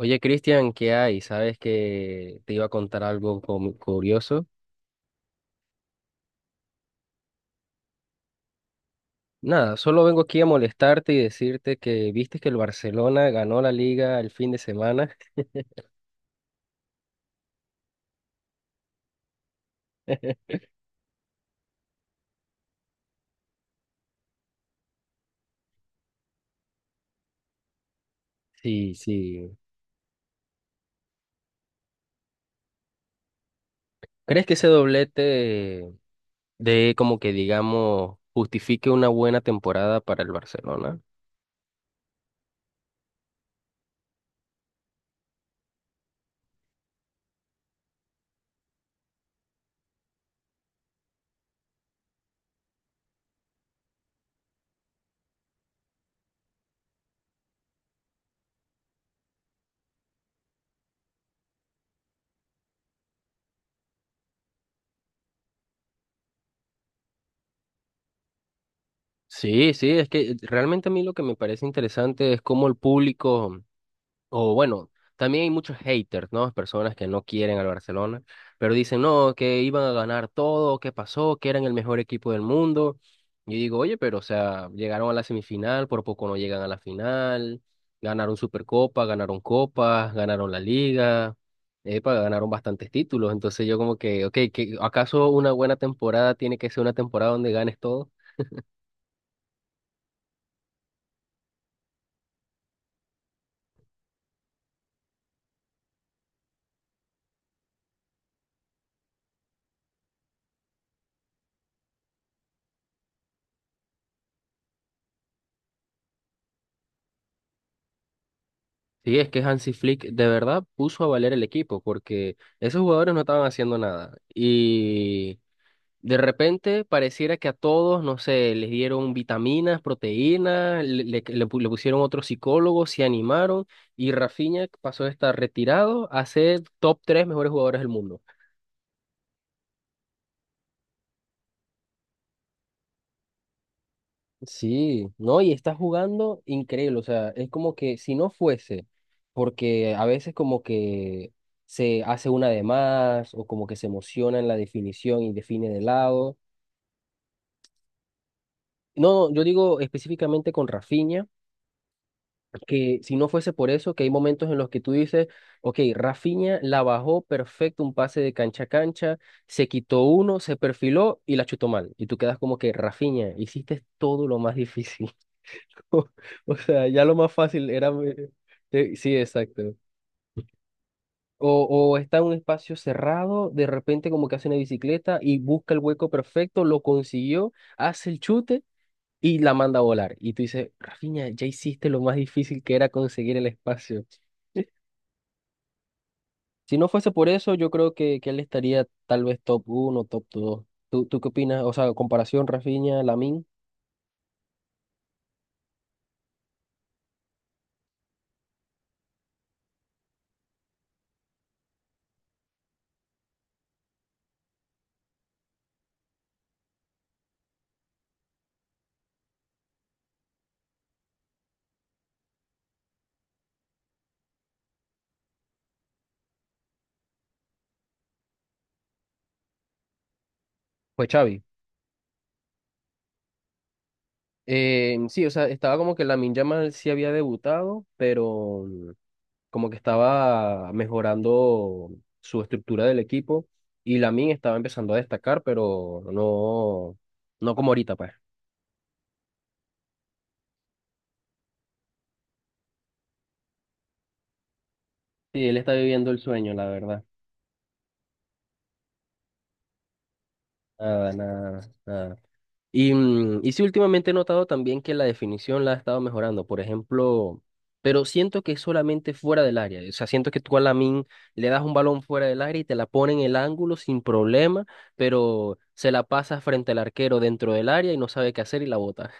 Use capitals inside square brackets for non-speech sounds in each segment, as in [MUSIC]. Oye, Cristian, ¿qué hay? Sabes que te iba a contar algo como curioso. Nada, solo vengo aquí a molestarte y decirte que viste que el Barcelona ganó la liga el fin de semana. Sí, sí. ¿Crees que ese doblete de como que digamos justifique una buena temporada para el Barcelona? Sí, sí, es que realmente a mí lo que me parece interesante es cómo el público, o bueno, también hay muchos haters, ¿no? Personas que no quieren al Barcelona, pero dicen, no, que iban a ganar todo, que pasó, que eran el mejor equipo del mundo. Y digo, oye, pero o sea, llegaron a la semifinal, por poco no llegan a la final, ganaron Supercopa, ganaron Copas, ganaron la Liga, epa, ganaron bastantes títulos. Entonces yo como que, ok, que, ¿acaso una buena temporada tiene que ser una temporada donde ganes todo? Sí, es que Hansi Flick de verdad puso a valer el equipo porque esos jugadores no estaban haciendo nada. Y de repente pareciera que a todos, no sé, les dieron vitaminas, proteínas, le pusieron otro psicólogo, se animaron y Rafinha pasó de estar retirado a ser top tres mejores jugadores del mundo. Sí, no, y está jugando increíble, o sea, es como que si no fuese, porque a veces como que se hace una de más o como que se emociona en la definición y define de lado. No, no, yo digo específicamente con Rafinha, que si no fuese por eso, que hay momentos en los que tú dices, ok, Rafinha la bajó perfecto, un pase de cancha a cancha, se quitó uno, se perfiló y la chutó mal. Y tú quedas como que, Rafinha, hiciste todo lo más [LAUGHS] difícil. [LAUGHS] O sea, ya lo más fácil era... sí, exacto. O está en un espacio cerrado, de repente como que hace una bicicleta y busca el hueco perfecto, lo consiguió, hace el chute y la manda a volar. Y tú dices, Rafinha, ya hiciste lo más difícil que era conseguir el espacio. [LAUGHS] Si no fuese por eso, yo creo que él estaría tal vez top 1, top dos. ¿Tú, tú qué opinas? O sea, comparación Rafinha, Lamin. Pues Xavi. Sí, o sea, estaba como que Lamin Yamal sí había debutado, pero... mm, como que estaba mejorando su estructura del equipo y Lamin estaba empezando a destacar, pero no, no como ahorita, pues. Sí, él está viviendo el sueño, la verdad. Nada, nada, nada. Y, y sí, últimamente he notado también que la definición la ha estado mejorando, por ejemplo, pero siento que es solamente fuera del área. O sea, siento que tú a Lamin le das un balón fuera del área y te la pone en el ángulo sin problema, pero se la pasa frente al arquero dentro del área y no sabe qué hacer y la bota.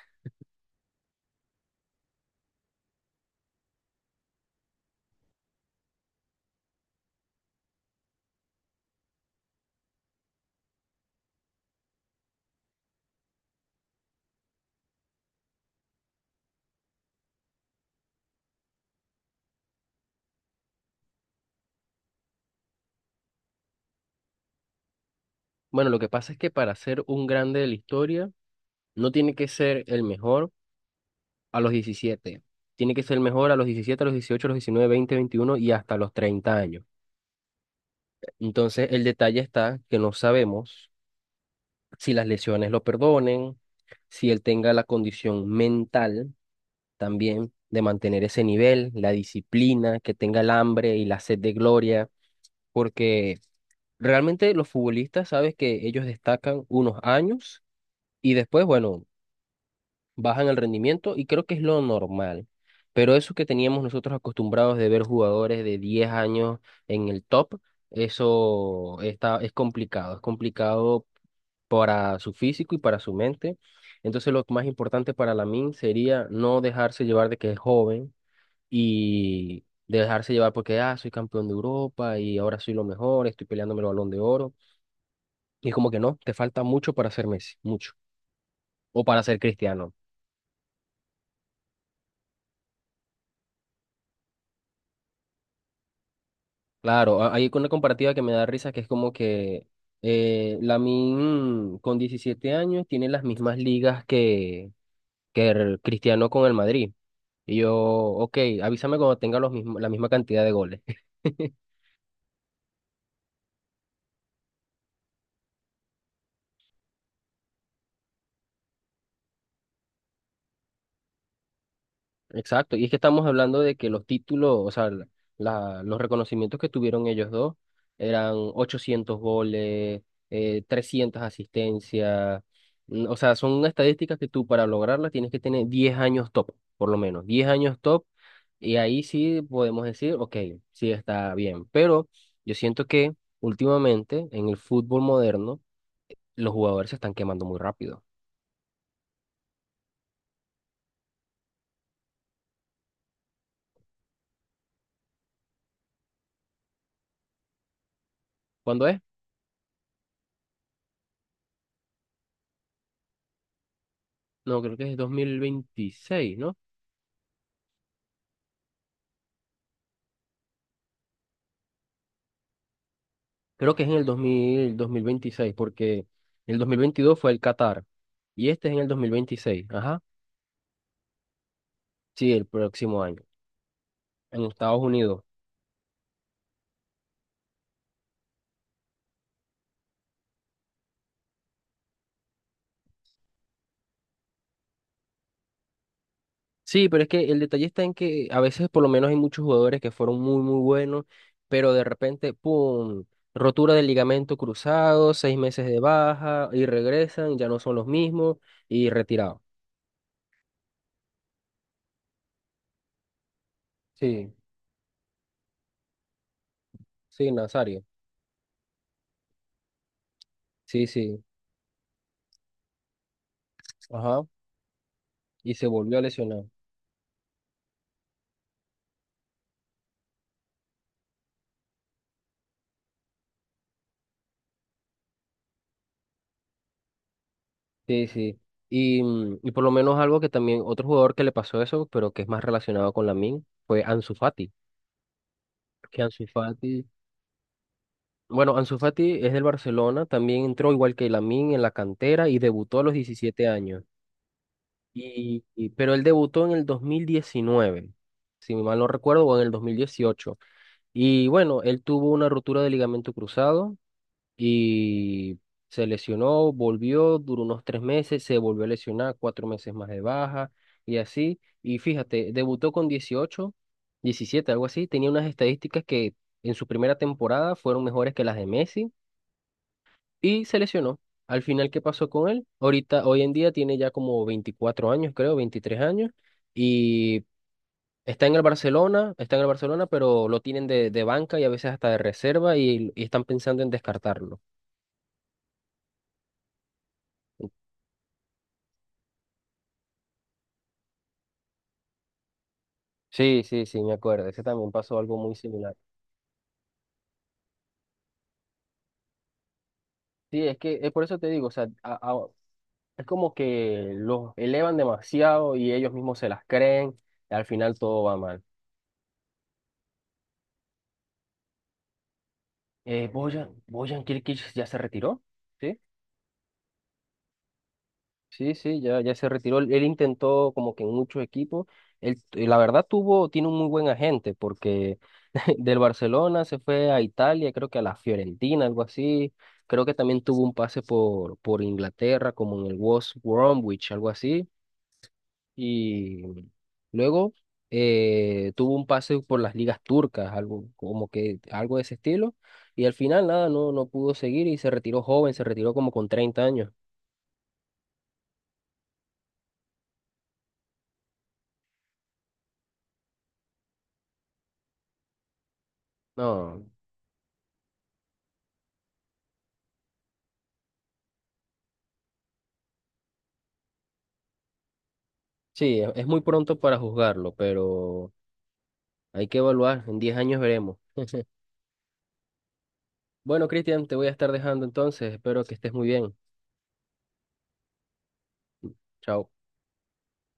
Bueno, lo que pasa es que para ser un grande de la historia, no tiene que ser el mejor a los 17. Tiene que ser el mejor a los diecisiete, a los 18, a los 19, 20, 21 y hasta los 30 años. Entonces, el detalle está que no sabemos si las lesiones lo perdonen, si él tenga la condición mental también de mantener ese nivel, la disciplina, que tenga el hambre y la sed de gloria, porque realmente los futbolistas, sabes que ellos destacan unos años. Y después, bueno, bajan el rendimiento y creo que es lo normal. Pero eso que teníamos nosotros acostumbrados de ver jugadores de 10 años en el top, eso está, es complicado para su físico y para su mente. Entonces lo más importante para Lamine sería no dejarse llevar de que es joven y dejarse llevar porque, ah, soy campeón de Europa y ahora soy lo mejor, estoy peleándome el Balón de Oro. Y es como que no, te falta mucho para ser Messi, mucho. O para ser Cristiano. Claro, a- hay una comparativa que me da risa que es como que Lamine con 17 años tiene las mismas ligas que el Cristiano con el Madrid. Y yo, ok, avísame cuando tenga los mismos, la misma cantidad de goles. [LAUGHS] Exacto, y es que estamos hablando de que los títulos, o sea, los reconocimientos que tuvieron ellos dos eran 800 goles, 300 asistencias, o sea, son estadísticas que tú para lograrlas tienes que tener 10 años top, por lo menos, 10 años top, y ahí sí podemos decir, ok, sí está bien, pero yo siento que últimamente en el fútbol moderno los jugadores se están quemando muy rápido. ¿Cuándo es? No, creo que es 2026. Creo que es en el dos mil 2026 porque el 2022 fue el Qatar y este es en el 2026. Ajá. Sí, el próximo año, en Estados Unidos. Sí, pero es que el detalle está en que a veces por lo menos hay muchos jugadores que fueron muy, muy buenos, pero de repente, ¡pum! Rotura del ligamento cruzado, 6 meses de baja y regresan, ya no son los mismos y retirado. Sí, sí, Nazario. Sí, sí. Ajá. Y se volvió a lesionar. Sí, sí. Y, y por lo menos algo que también, otro jugador que le pasó eso, pero que es más relacionado con Min, fue Ansu Fati. Que Ansu Fati, bueno, Ansu Fati es del Barcelona, también entró igual que Min en la cantera y debutó a los 17 años. Pero él debutó en el 2019 si mal no recuerdo, o en el 2018. Y bueno, él tuvo una ruptura de ligamento cruzado. Y se lesionó, volvió, duró unos 3 meses, se volvió a lesionar, 4 meses más de baja y así. Y fíjate, debutó con 18, 17, algo así, tenía unas estadísticas que en su primera temporada fueron mejores que las de Messi y se lesionó. Al final, ¿qué pasó con él? Ahorita, hoy en día tiene ya como 24 años, creo, 23 años y... Está en el Barcelona, está en el Barcelona, pero lo tienen de banca y a veces hasta de reserva y están pensando en descartarlo. Sí, sí, sí, me acuerdo. Ese también pasó algo muy similar. Sí, es que es por eso te digo, o sea, a- es como que los elevan demasiado y ellos mismos se las creen y al final todo va mal. Bojan, Bojan Kirkic ya se retiró, ¿sí? Sí, sí, ya, ya se retiró. Él intentó como que en muchos equipos. Él, y la verdad tuvo, tiene un muy buen agente porque [LAUGHS] del Barcelona se fue a Italia, creo que a la Fiorentina, algo así. Creo que también tuvo un pase por Inglaterra, como en el West Bromwich, algo así. Y luego tuvo un pase por las ligas turcas, algo como que algo de ese estilo. Y al final nada, no, no pudo seguir y se retiró joven, se retiró como con 30 años. No. Sí, es muy pronto para juzgarlo, pero hay que evaluar. En 10 años veremos. [LAUGHS] Bueno, Cristian, te voy a estar dejando entonces. Espero que estés muy bien. Chao.